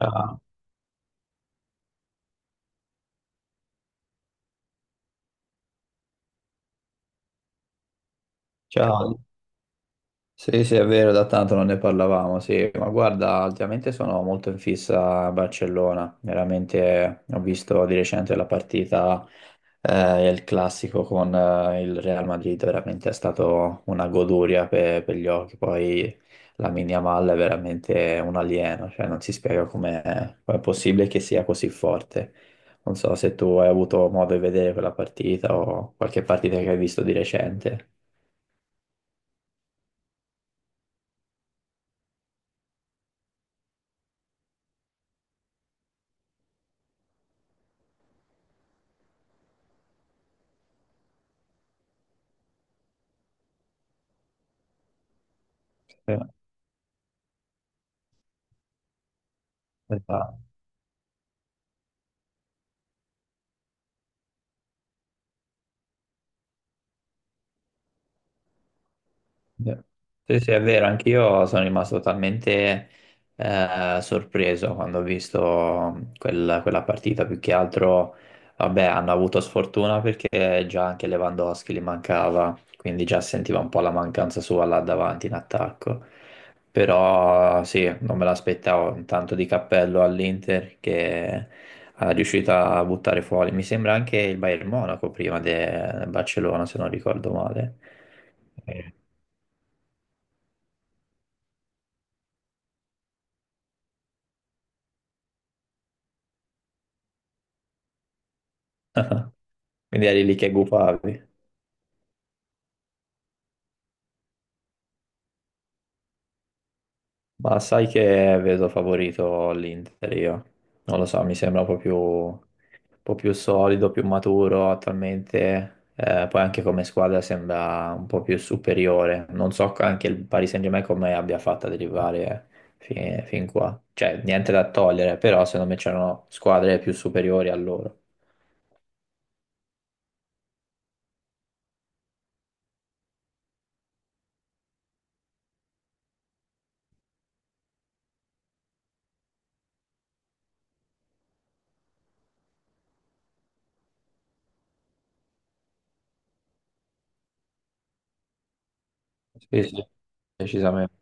Ah, ciao. Sì, sì, è vero, da tanto non ne parlavamo, sì, ma guarda, ultimamente sono molto in fissa a Barcellona, veramente ho visto di recente la partita, il classico con il Real Madrid, veramente è stato una goduria per gli occhi, poi la Yamal è veramente un alieno, cioè non si spiega come è possibile che sia così forte. Non so se tu hai avuto modo di vedere quella partita o qualche partita che hai visto di recente. Esatto. Sì, sì, è vero, anch'io sono rimasto totalmente sorpreso quando ho visto quella partita, più che altro, vabbè, hanno avuto sfortuna perché già anche Lewandowski gli mancava, quindi già sentiva un po' la mancanza sua là davanti in attacco, però sì, non me l'aspettavo, un tanto di cappello all'Inter che è riuscita a buttare fuori, mi sembra anche il Bayern Monaco prima del Barcellona, se non ricordo male. Quindi eri lì che gufavi. Ma sai che vedo favorito l'Inter io. Non lo so, mi sembra un po' più solido, più maturo attualmente. Poi anche come squadra sembra un po' più superiore. Non so anche il Paris Saint-Germain come abbia fatto ad arrivare fin qua. Cioè, niente da togliere, però secondo me c'erano squadre più superiori a loro. Sì, sì, decisamente.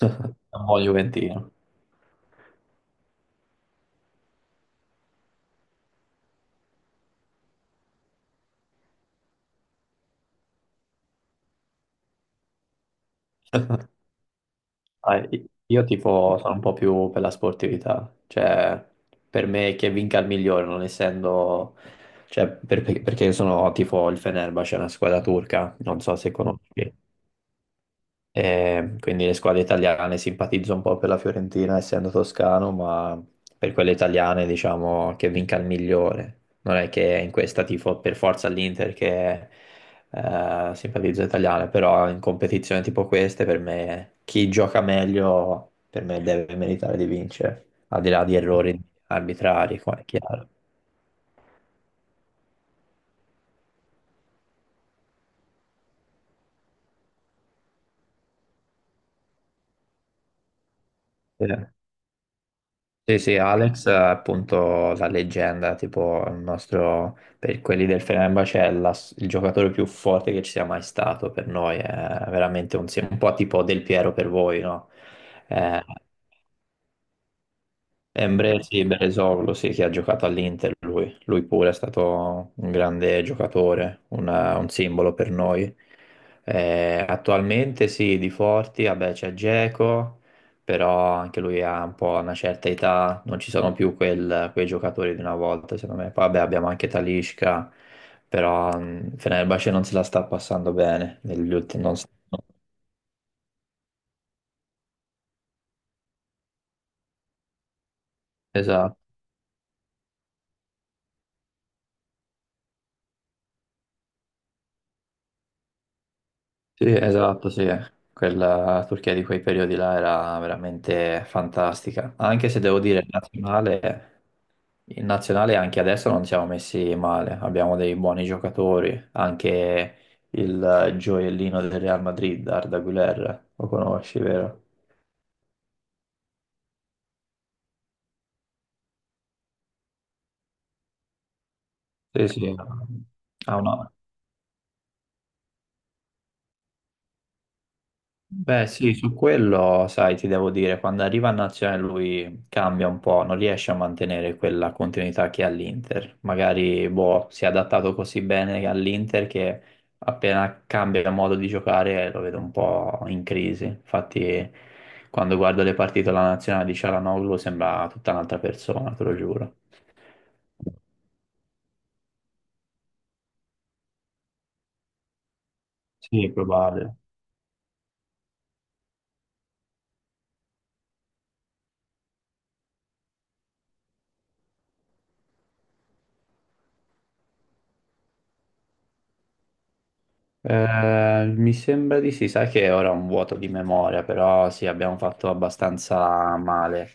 Un buon Juventino. Ah, Io tipo sono un po' più per la sportività, cioè per me che vinca il migliore, non essendo, cioè perché sono tipo il Fenerbahce, è una squadra turca, non so se conosci. Quindi le squadre italiane simpatizzo un po' per la Fiorentina, essendo toscano, ma per quelle italiane diciamo che vinca il migliore. Non è che in questa tifo per forza l'Inter che simpatizzo italiane, però in competizioni tipo queste per me chi gioca meglio per me deve meritare di vincere, al di là di errori arbitrari, qua è chiaro. Sì. Sì, sì, Alex è appunto la leggenda, tipo il nostro, per quelli del Fenerbahce, è il giocatore più forte che ci sia mai stato per noi, è veramente un, un po' tipo Del Piero per voi, no? Eh, Embre, sì, Beresoglu, sì, che ha giocato all'Inter, lui. Lui pure è stato un grande giocatore, un simbolo per noi. Attualmente sì, di forti, vabbè, c'è Dzeko, però anche lui ha un po' una certa età, non ci sono più quei giocatori di una volta, secondo me. Poi vabbè, abbiamo anche Talisca, però Fenerbahce non se la sta passando bene negli ultimi... Non... so- Esatto. Sì, esatto, sì. Quella Turchia di quei periodi là era veramente fantastica. Anche se devo dire, il nazionale anche adesso non siamo messi male. Abbiamo dei buoni giocatori. Anche il gioiellino del Real Madrid, Arda Güler, lo conosci, vero? Sì, sì. Ha una, beh, sì, su quello, sai, ti devo dire, quando arriva a Nazionale lui cambia un po', non riesce a mantenere quella continuità che ha all'Inter. Magari, boh, si è adattato così bene all'Inter che appena cambia modo di giocare lo vedo un po' in crisi. Infatti, quando guardo le partite della Nazionale di Cialanoglu sembra tutta un'altra persona, te lo giuro. Sì, è probabile. Mi sembra di sì, sai che ora ho un vuoto di memoria, però sì, abbiamo fatto abbastanza male.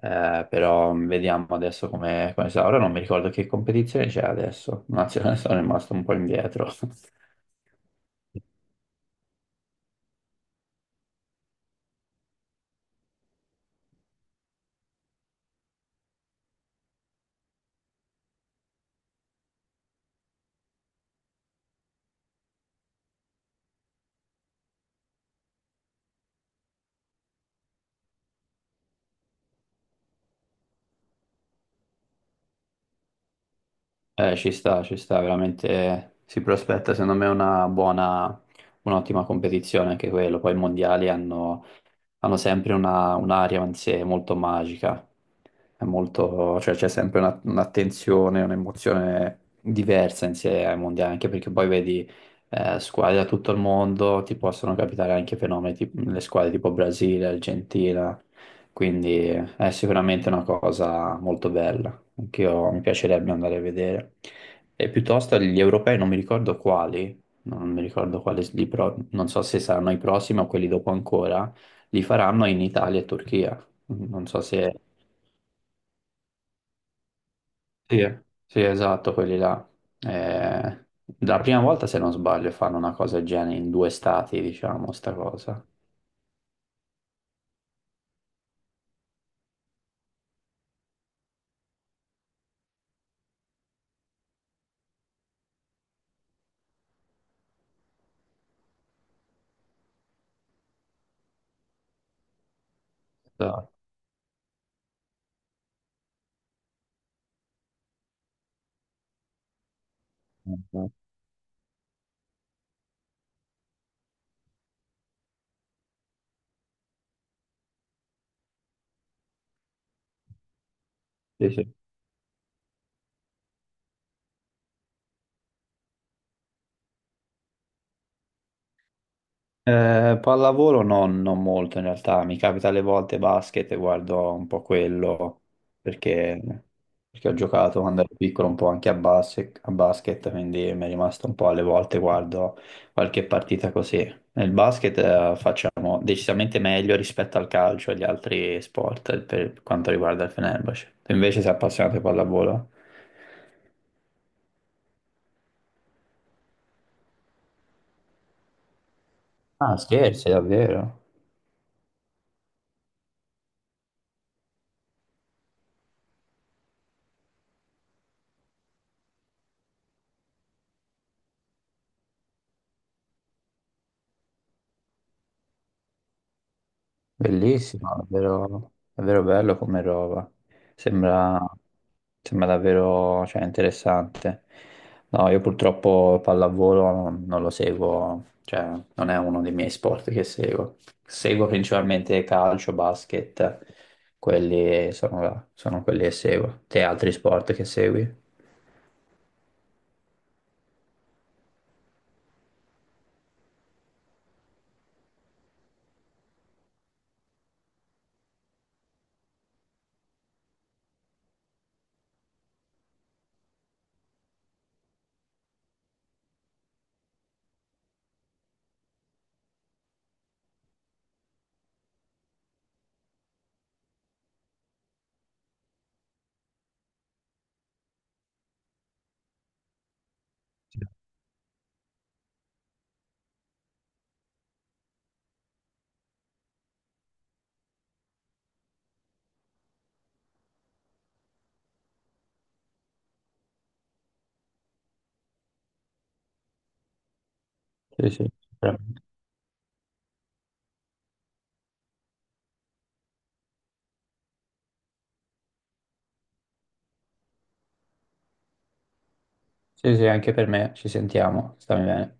Però vediamo adesso come sarà. Ora non mi ricordo che competizione c'è adesso. Nazionale sono rimasto un po' indietro. Ci sta, veramente si prospetta secondo me una buona, un'ottima competizione anche quello. Poi i mondiali hanno sempre un'aria in sé molto magica, è molto- cioè c'è sempre un'attenzione, un'emozione diversa in sé ai mondiali, anche perché poi vedi squadre da tutto il mondo, ti possono capitare anche fenomeni, tipo, le squadre tipo Brasile, Argentina, quindi è sicuramente una cosa molto bella, anche io mi piacerebbe andare a vedere. E piuttosto gli europei non mi ricordo quali, non mi ricordo quali, non so se saranno i prossimi o quelli dopo ancora, li faranno in Italia e Turchia. Non so se... Sì, eh. Sì, esatto, quelli là. Eh, la prima volta, se non sbaglio, fanno una cosa del genere in due stati, diciamo, sta cosa. Esatto. Sì, sì. Pallavolo non molto in realtà, mi capita alle volte basket e guardo un po' quello perché, perché ho giocato quando ero piccolo un po' anche a basket, quindi mi è rimasto un po' alle volte guardo qualche partita così. Nel basket facciamo decisamente meglio rispetto al calcio e agli altri sport per quanto riguarda il Fenerbahce. Tu invece sei appassionato di pallavolo? Ah, scherzi, davvero? Bellissimo, davvero, davvero bello come roba. Sembra, sembra davvero, cioè, interessante. No, io purtroppo pallavolo non lo seguo, cioè non è uno dei miei sport che seguo. Seguo principalmente calcio, basket, quelli sono quelli che seguo. Te altri sport che segui? Sì, sì. Sicuramente. Sì, sì, anche per me, ci sentiamo, stammi bene.